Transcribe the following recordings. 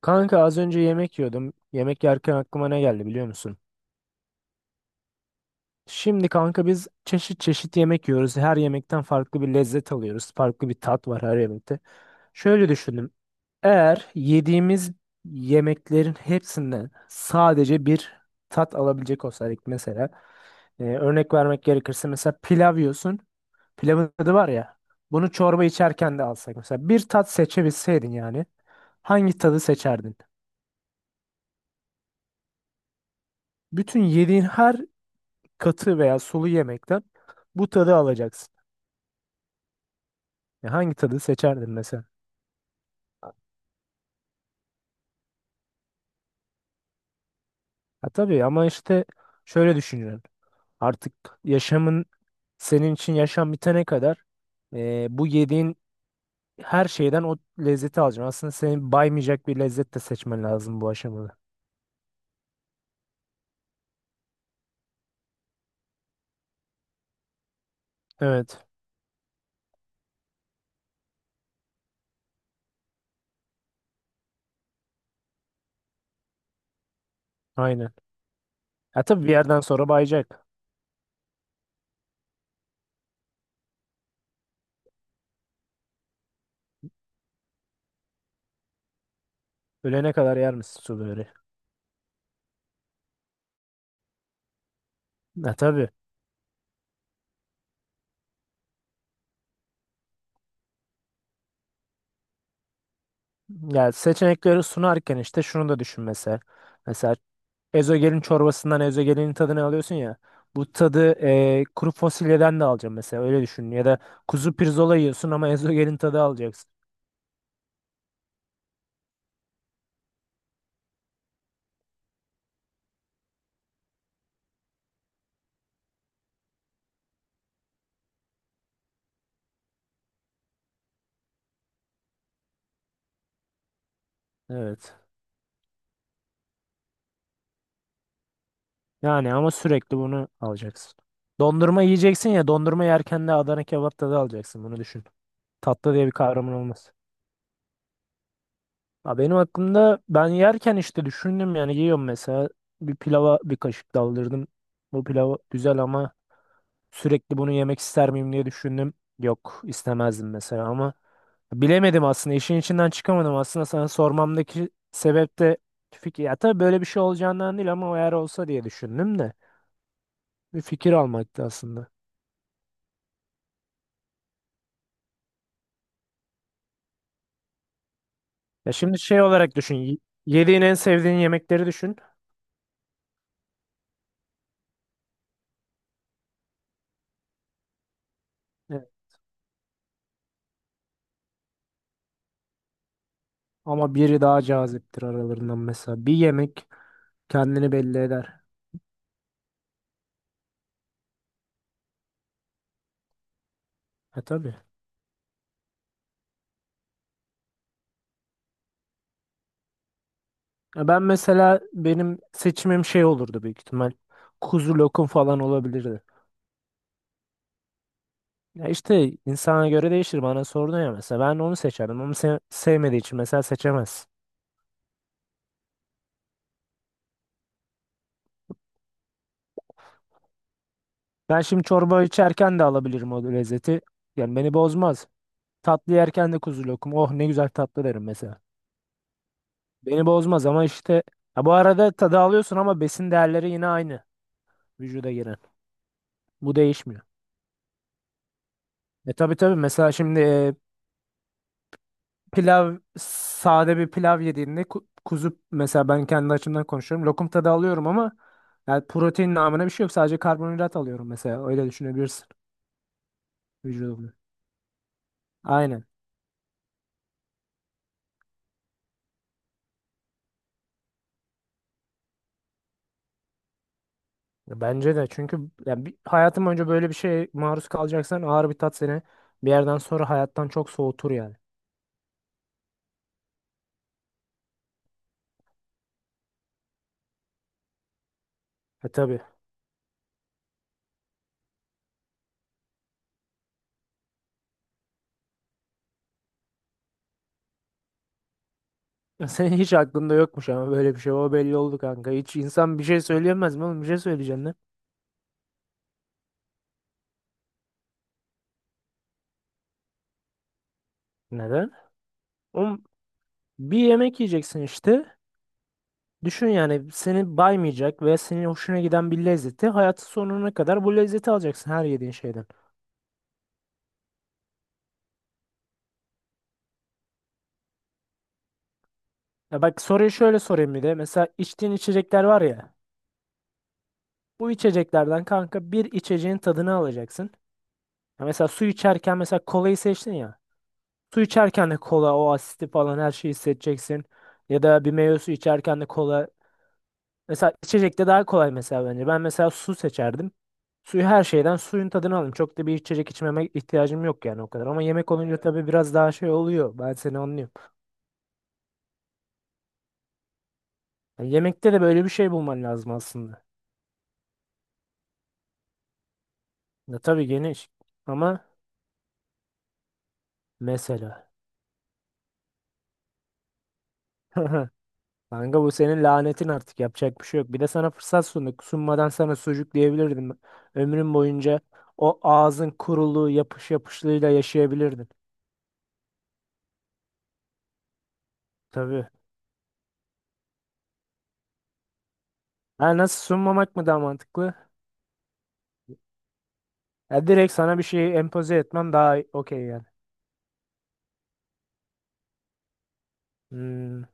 Kanka az önce yemek yiyordum. Yemek yerken aklıma ne geldi biliyor musun? Şimdi kanka biz çeşit çeşit yemek yiyoruz. Her yemekten farklı bir lezzet alıyoruz. Farklı bir tat var her yemekte. Şöyle düşündüm. Eğer yediğimiz yemeklerin hepsinden sadece bir tat alabilecek olsaydık mesela. Örnek vermek gerekirse mesela pilav yiyorsun. Pilavın tadı var ya. Bunu çorba içerken de alsak mesela. Bir tat seçebilseydin yani. Hangi tadı seçerdin? Bütün yediğin her katı veya sulu yemekten bu tadı alacaksın. Ya hangi tadı seçerdin mesela? Ha tabii, ama işte şöyle düşünüyorum. Artık yaşamın, senin için yaşam bitene kadar, bu yediğin her şeyden o lezzeti alacaksın. Aslında seni baymayacak bir lezzet de seçmen lazım bu aşamada. Evet, aynen. Ha tabii, bir yerden sonra bayacak. Ölene kadar yer misin sulu böreği? Ha tabii. Ya, seçenekleri sunarken işte şunu da düşün mesela. Mesela ezogelin çorbasından ezogelinin tadını alıyorsun ya. Bu tadı kuru fasulyeden de alacağım mesela, öyle düşün. Ya da kuzu pirzola yiyorsun ama ezogelin tadı alacaksın. Evet. Yani ama sürekli bunu alacaksın. Dondurma yiyeceksin ya, dondurma yerken de Adana kebap tadı alacaksın, bunu düşün. Tatlı diye bir kavramın olmaz. Ha, benim aklımda, ben yerken işte düşündüm, yani yiyorum mesela, bir pilava bir kaşık daldırdım. Bu pilav güzel ama sürekli bunu yemek ister miyim diye düşündüm. Yok, istemezdim mesela. Ama bilemedim aslında, işin içinden çıkamadım. Aslında sana sormamdaki sebep de fikir, ya tabii böyle bir şey olacağından değil ama eğer olsa diye düşündüm de, bir fikir almaktı aslında. Ya şimdi şey olarak düşün, yediğin en sevdiğin yemekleri düşün. Evet. Ama biri daha caziptir aralarından. Mesela bir yemek kendini belli eder. Ha tabii. Ya ben mesela, benim seçimim şey olurdu büyük ihtimal, kuzu lokum falan olabilirdi. Ya işte insana göre değişir. Bana sordun ya mesela, ben onu seçerdim. Onu sevmediği için mesela seçemez. Ben şimdi çorba içerken de alabilirim o lezzeti. Yani beni bozmaz. Tatlı yerken de kuzu lokum. Oh, ne güzel tatlı derim mesela. Beni bozmaz ama işte, ha bu arada, tadı alıyorsun ama besin değerleri yine aynı, vücuda giren. Bu değişmiyor. E tabii tabii, mesela şimdi pilav, sade bir pilav yediğinde, kuzu mesela, ben kendi açımdan konuşuyorum, lokum tadı alıyorum ama yani protein namına bir şey yok. Sadece karbonhidrat alıyorum mesela. Öyle düşünebilirsin vücudumda. Aynen. Ya bence de, çünkü yani bir, hayatım boyunca böyle bir şeye maruz kalacaksan, ağır bir tat seni bir yerden sonra hayattan çok soğutur yani. E tabii. Ya senin hiç aklında yokmuş ama böyle bir şey. O belli oldu kanka. Hiç insan bir şey söyleyemez mi oğlum? Bir şey söyleyeceksin lan. Neden? Oğlum, bir yemek yiyeceksin işte. Düşün yani, seni baymayacak ve senin hoşuna giden bir lezzeti, hayatın sonuna kadar bu lezzeti alacaksın her yediğin şeyden. Ya bak, soruyu şöyle sorayım bir de. Mesela içtiğin içecekler var ya. Bu içeceklerden kanka, bir içeceğin tadını alacaksın. Ya mesela su içerken, mesela kolayı seçtin ya. Su içerken de kola, o asiti falan, her şeyi hissedeceksin. Ya da bir meyve suyu içerken de kola. Mesela içecekte daha kolay mesela, bence. Ben mesela su seçerdim. Suyu, her şeyden suyun tadını alırım. Çok da bir içecek içmeme ihtiyacım yok yani o kadar. Ama yemek olunca tabii biraz daha şey oluyor. Ben seni anlıyorum. Yani yemekte de böyle bir şey bulman lazım aslında. Ya tabii geniş, ama mesela. Kanka, bu senin lanetin artık, yapacak bir şey yok. Bir de sana fırsat sunduk. Sunmadan sana sucuk diyebilirdim. Ömrün boyunca o ağzın kuruluğu, yapış yapışlığıyla yaşayabilirdin. Tabii. Ha, nasıl, sunmamak mı daha mantıklı? Ya direkt sana bir şey empoze etmem daha okey yani. Hmm.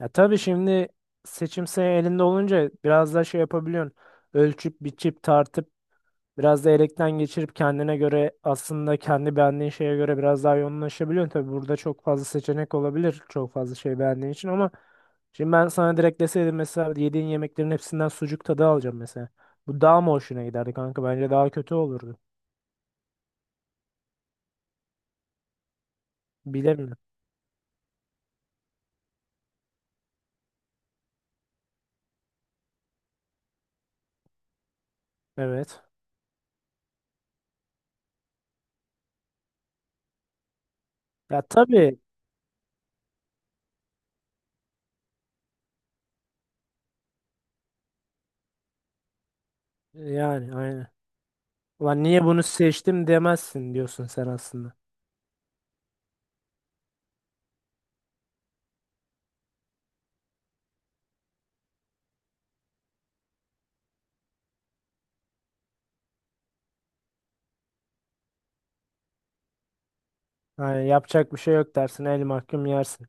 Ya tabii şimdi, seçim senin elinde olunca biraz daha şey yapabiliyorsun. Ölçüp biçip tartıp, biraz da elekten geçirip, kendine göre, aslında kendi beğendiğin şeye göre biraz daha yoğunlaşabiliyorsun. Tabii burada çok fazla seçenek olabilir, çok fazla şey beğendiğin için, ama şimdi ben sana direkt deseydim mesela, yediğin yemeklerin hepsinden sucuk tadı alacağım mesela. Bu daha mı hoşuna giderdi kanka? Bence daha kötü olurdu. Bilemiyorum. Evet. Ya tabii, yani aynen. Ulan niye bunu seçtim demezsin diyorsun sen aslında. Yani yapacak bir şey yok dersin, el mahkum yersin.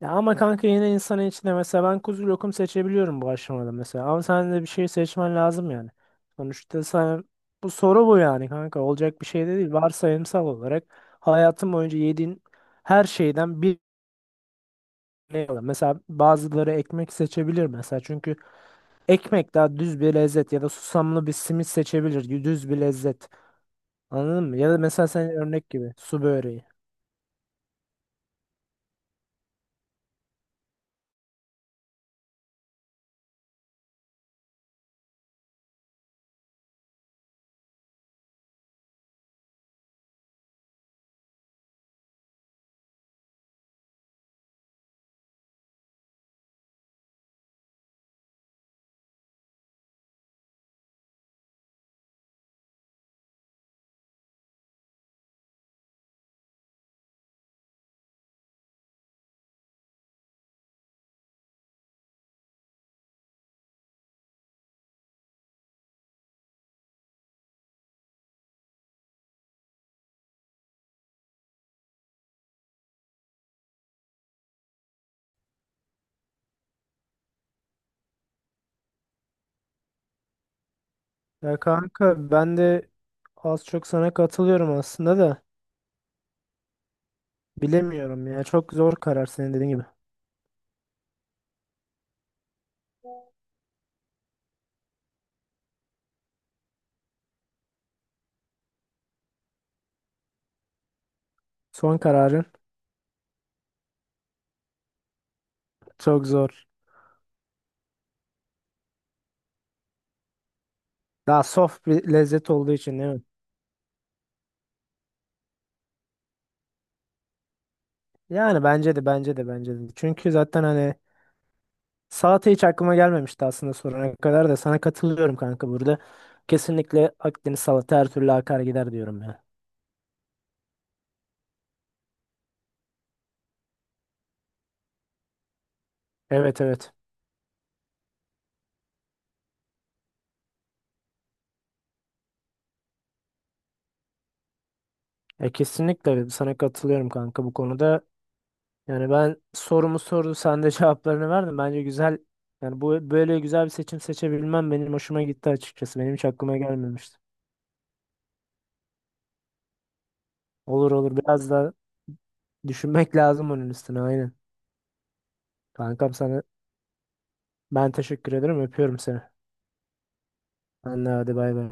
Ya ama kanka, yine insanın içinde, mesela ben kuzu lokum seçebiliyorum bu aşamada mesela. Ama sen de bir şey seçmen lazım yani. Sonuçta sen, bu soru bu, yani kanka olacak bir şey de değil. Varsayımsal olarak hayatın boyunca yediğin her şeyden bir, ne alır. Mesela bazıları ekmek seçebilir mesela. Çünkü ekmek daha düz bir lezzet, ya da susamlı bir simit seçebilir. Düz bir lezzet. Anladın mı? Ya da mesela, sen örnek gibi, su böreği. Ya kanka, ben de az çok sana katılıyorum aslında da, bilemiyorum ya. Çok zor karar, senin dediğin gibi. Son kararın çok zor. Daha soft bir lezzet olduğu için değil mi? Yani bence de. Çünkü zaten hani, salata hiç aklıma gelmemişti aslında sorana kadar, da sana katılıyorum kanka burada. Kesinlikle Akdeniz salata her türlü akar gider diyorum ya. Evet, evet. Ya kesinlikle sana katılıyorum kanka bu konuda. Yani ben sorumu sordu, sen de cevaplarını verdin. Bence güzel. Yani bu böyle, güzel bir seçim seçebilmem benim hoşuma gitti açıkçası. Benim hiç aklıma gelmemişti. Olur olur, biraz da düşünmek lazım onun üstüne, aynen. Kankam, sana ben teşekkür ederim. Öpüyorum seni. Anne, hadi bay bay.